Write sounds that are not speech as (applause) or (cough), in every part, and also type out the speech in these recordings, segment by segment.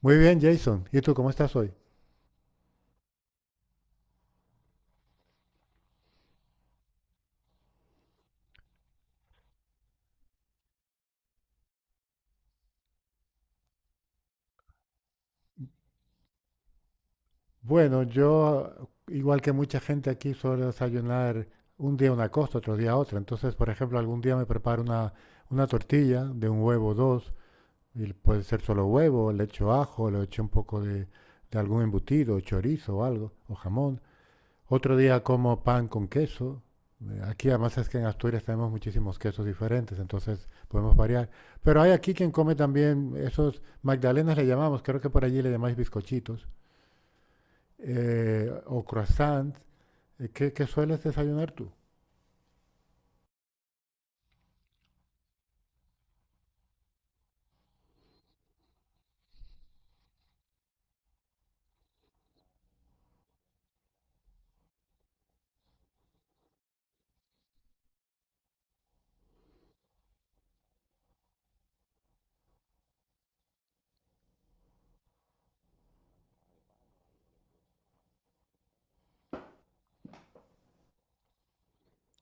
Muy bien, Jason. ¿Y tú cómo estás hoy? Bueno, yo, igual que mucha gente aquí, suelo desayunar un día una cosa, otro día otra. Entonces, por ejemplo, algún día me preparo una tortilla de un huevo o dos, y puede ser solo huevo, le echo ajo, le echo un poco de algún embutido, chorizo o algo, o jamón. Otro día como pan con queso. Aquí además es que en Asturias tenemos muchísimos quesos diferentes, entonces podemos variar. Pero hay aquí quien come también esos magdalenas le llamamos, creo que por allí le llamáis bizcochitos, o croissants. ¿Qué sueles desayunar tú?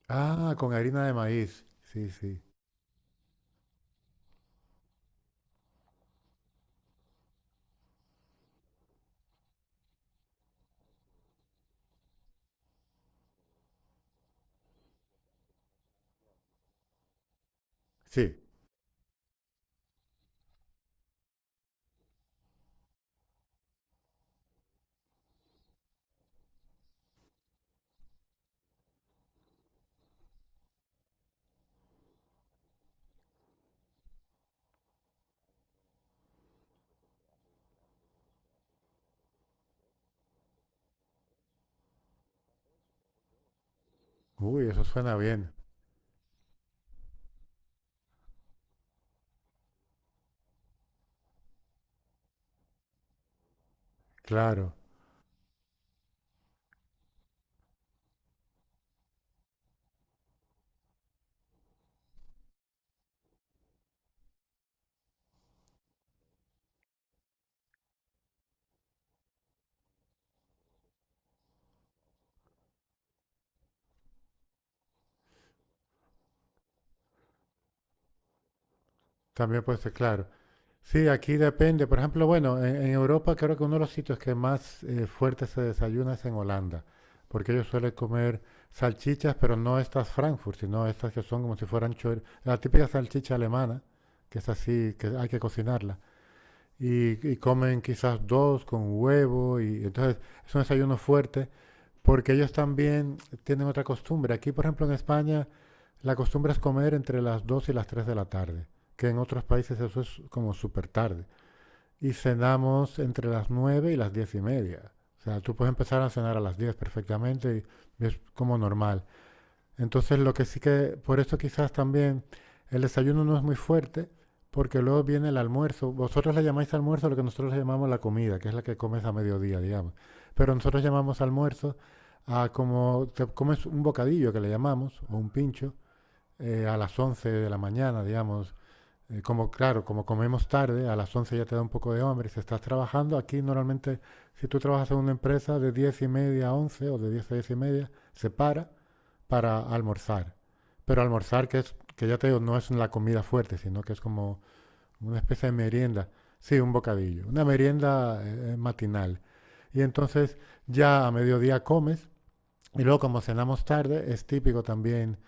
Ah, con harina de maíz. Sí, sí. Sí. Uy, eso suena bien. Claro. También puede ser claro. Sí, aquí depende. Por ejemplo, bueno, en Europa creo que uno de los sitios que más fuerte se desayuna es en Holanda, porque ellos suelen comer salchichas, pero no estas Frankfurt, sino estas que son como si fueran la típica salchicha alemana, que es así, que hay que cocinarla. Y comen quizás dos con huevo, y entonces es un desayuno fuerte, porque ellos también tienen otra costumbre. Aquí, por ejemplo, en España, la costumbre es comer entre las 2 y las 3 de la tarde, que en otros países eso es como súper tarde y cenamos entre las 9 y las diez y media. O sea, tú puedes empezar a cenar a las 10 perfectamente y es como normal. Entonces, lo que sí que, por eso quizás también el desayuno no es muy fuerte, porque luego viene el almuerzo. Vosotros le llamáis almuerzo a lo que nosotros le llamamos la comida, que es la que comes a mediodía, digamos. Pero nosotros llamamos almuerzo a como te comes un bocadillo, que le llamamos, o un pincho, a las 11 de la mañana, digamos, como claro, como comemos tarde, a las 11 ya te da un poco de hambre, si estás trabajando, aquí normalmente si tú trabajas en una empresa de 10 y media a 11 o de 10 a 10 y media, se para almorzar. Pero almorzar que es, que ya te digo, no es la comida fuerte, sino que es como una especie de merienda. Sí, un bocadillo, una merienda matinal. Y entonces ya a mediodía comes y luego, como cenamos tarde, es típico también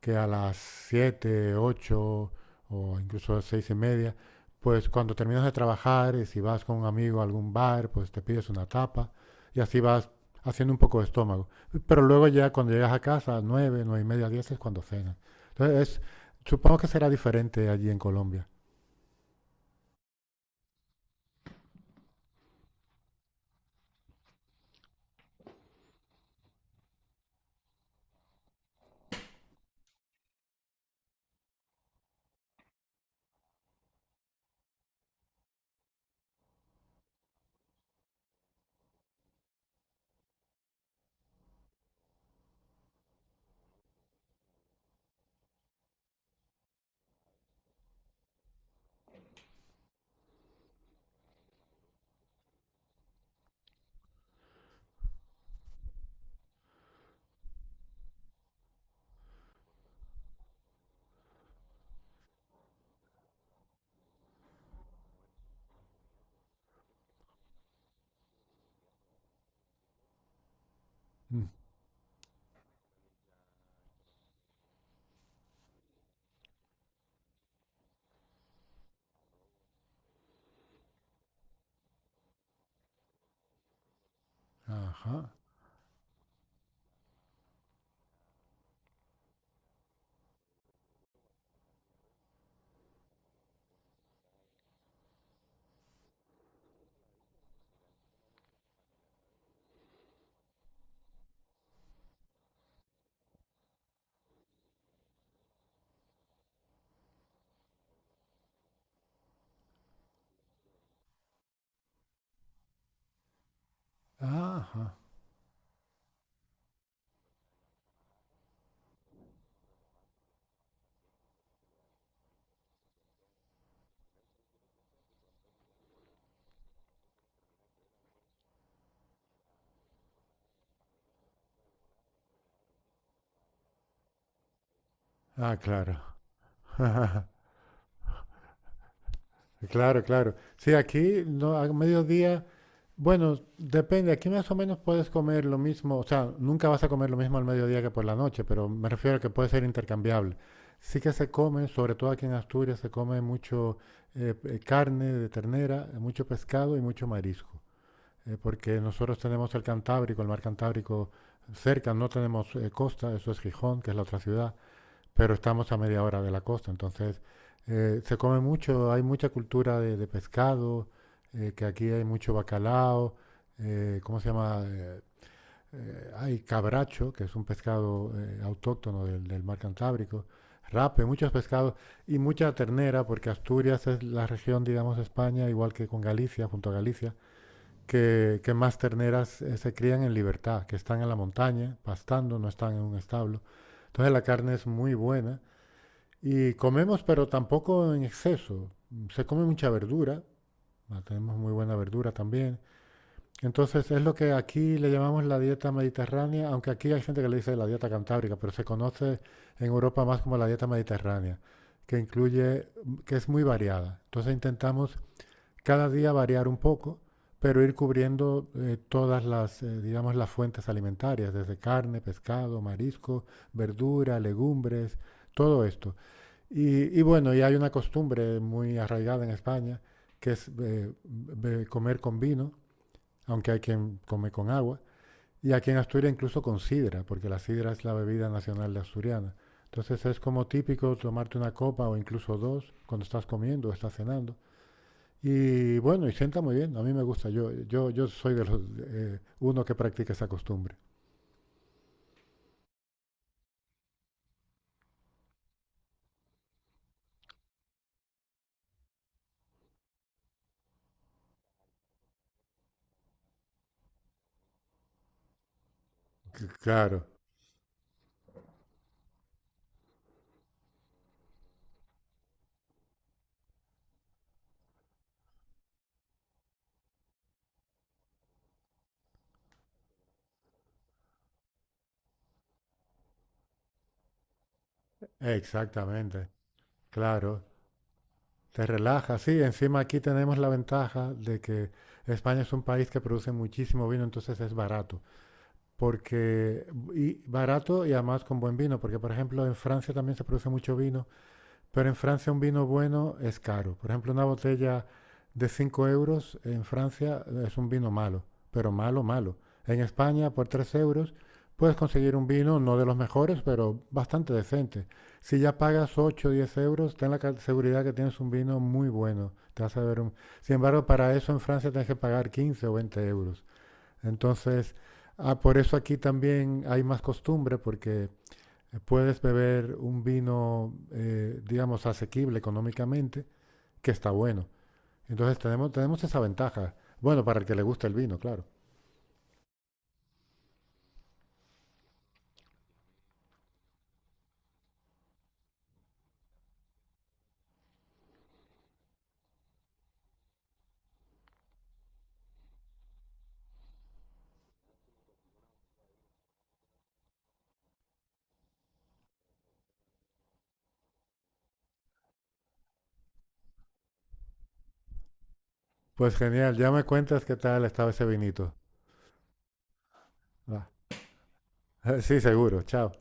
que a las 7 8 o incluso seis y media, pues cuando terminas de trabajar y si vas con un amigo a algún bar, pues te pides una tapa y así vas haciendo un poco de estómago. Pero luego ya cuando llegas a casa, nueve, nueve y media, diez es cuando cenas. Entonces, supongo que será diferente allí en Colombia. Mm, ajá, ajá. Ah, claro. (laughs) Claro, claro. Sí, aquí no, a mediodía. Bueno, depende. Aquí más o menos puedes comer lo mismo, o sea, nunca vas a comer lo mismo al mediodía que por la noche, pero me refiero a que puede ser intercambiable. Sí que se come, sobre todo aquí en Asturias, se come mucho carne de ternera, mucho pescado y mucho marisco, porque nosotros tenemos el Cantábrico, el mar Cantábrico cerca, no tenemos costa, eso es Gijón, que es la otra ciudad, pero estamos a media hora de la costa. Entonces se come mucho, hay mucha cultura de pescado, que aquí hay mucho bacalao. ¿Cómo se llama? Hay cabracho, que es un pescado autóctono del mar Cantábrico, rape, muchos pescados y mucha ternera, porque Asturias es la región, digamos, de España, igual que con Galicia, junto a Galicia, que más terneras se crían en libertad, que están en la montaña, pastando, no están en un establo. Entonces la carne es muy buena y comemos, pero tampoco en exceso. Se come mucha verdura, ah, tenemos muy buena verdura también. Entonces es lo que aquí le llamamos la dieta mediterránea, aunque aquí hay gente que le dice la dieta cantábrica, pero se conoce en Europa más como la dieta mediterránea, que incluye, que es muy variada. Entonces intentamos cada día variar un poco, pero ir cubriendo todas las, digamos, las fuentes alimentarias, desde carne, pescado, marisco, verdura, legumbres, todo esto. Y bueno, y hay una costumbre muy arraigada en España, que es comer con vino, aunque hay quien come con agua. Y aquí en Asturias incluso con sidra, porque la sidra es la bebida nacional de asturiana. Entonces es como típico tomarte una copa o incluso dos cuando estás comiendo o estás cenando. Y bueno, y sienta muy bien, a mí me gusta, yo soy de los, uno que practica esa costumbre. Claro, exactamente, claro. Te relaja, sí. Encima aquí tenemos la ventaja de que España es un país que produce muchísimo vino, entonces es barato. Porque, y barato y además con buen vino, porque por ejemplo en Francia también se produce mucho vino, pero en Francia un vino bueno es caro. Por ejemplo, una botella de 5 euros en Francia es un vino malo, pero malo, malo. En España, por 3 euros, puedes conseguir un vino, no de los mejores, pero bastante decente. Si ya pagas ocho o 10 euros, ten la seguridad que tienes un vino muy bueno. Te vas a ver un- Sin embargo, para eso en Francia tienes que pagar 15 o 20 euros. Entonces, ah, por eso aquí también hay más costumbre, porque puedes beber un vino, digamos, asequible económicamente, que está bueno. Entonces tenemos esa ventaja. Bueno, para el que le gusta el vino, claro. Pues genial, ya me cuentas qué tal estaba ese vinito. Va. (laughs) Sí, seguro, chao.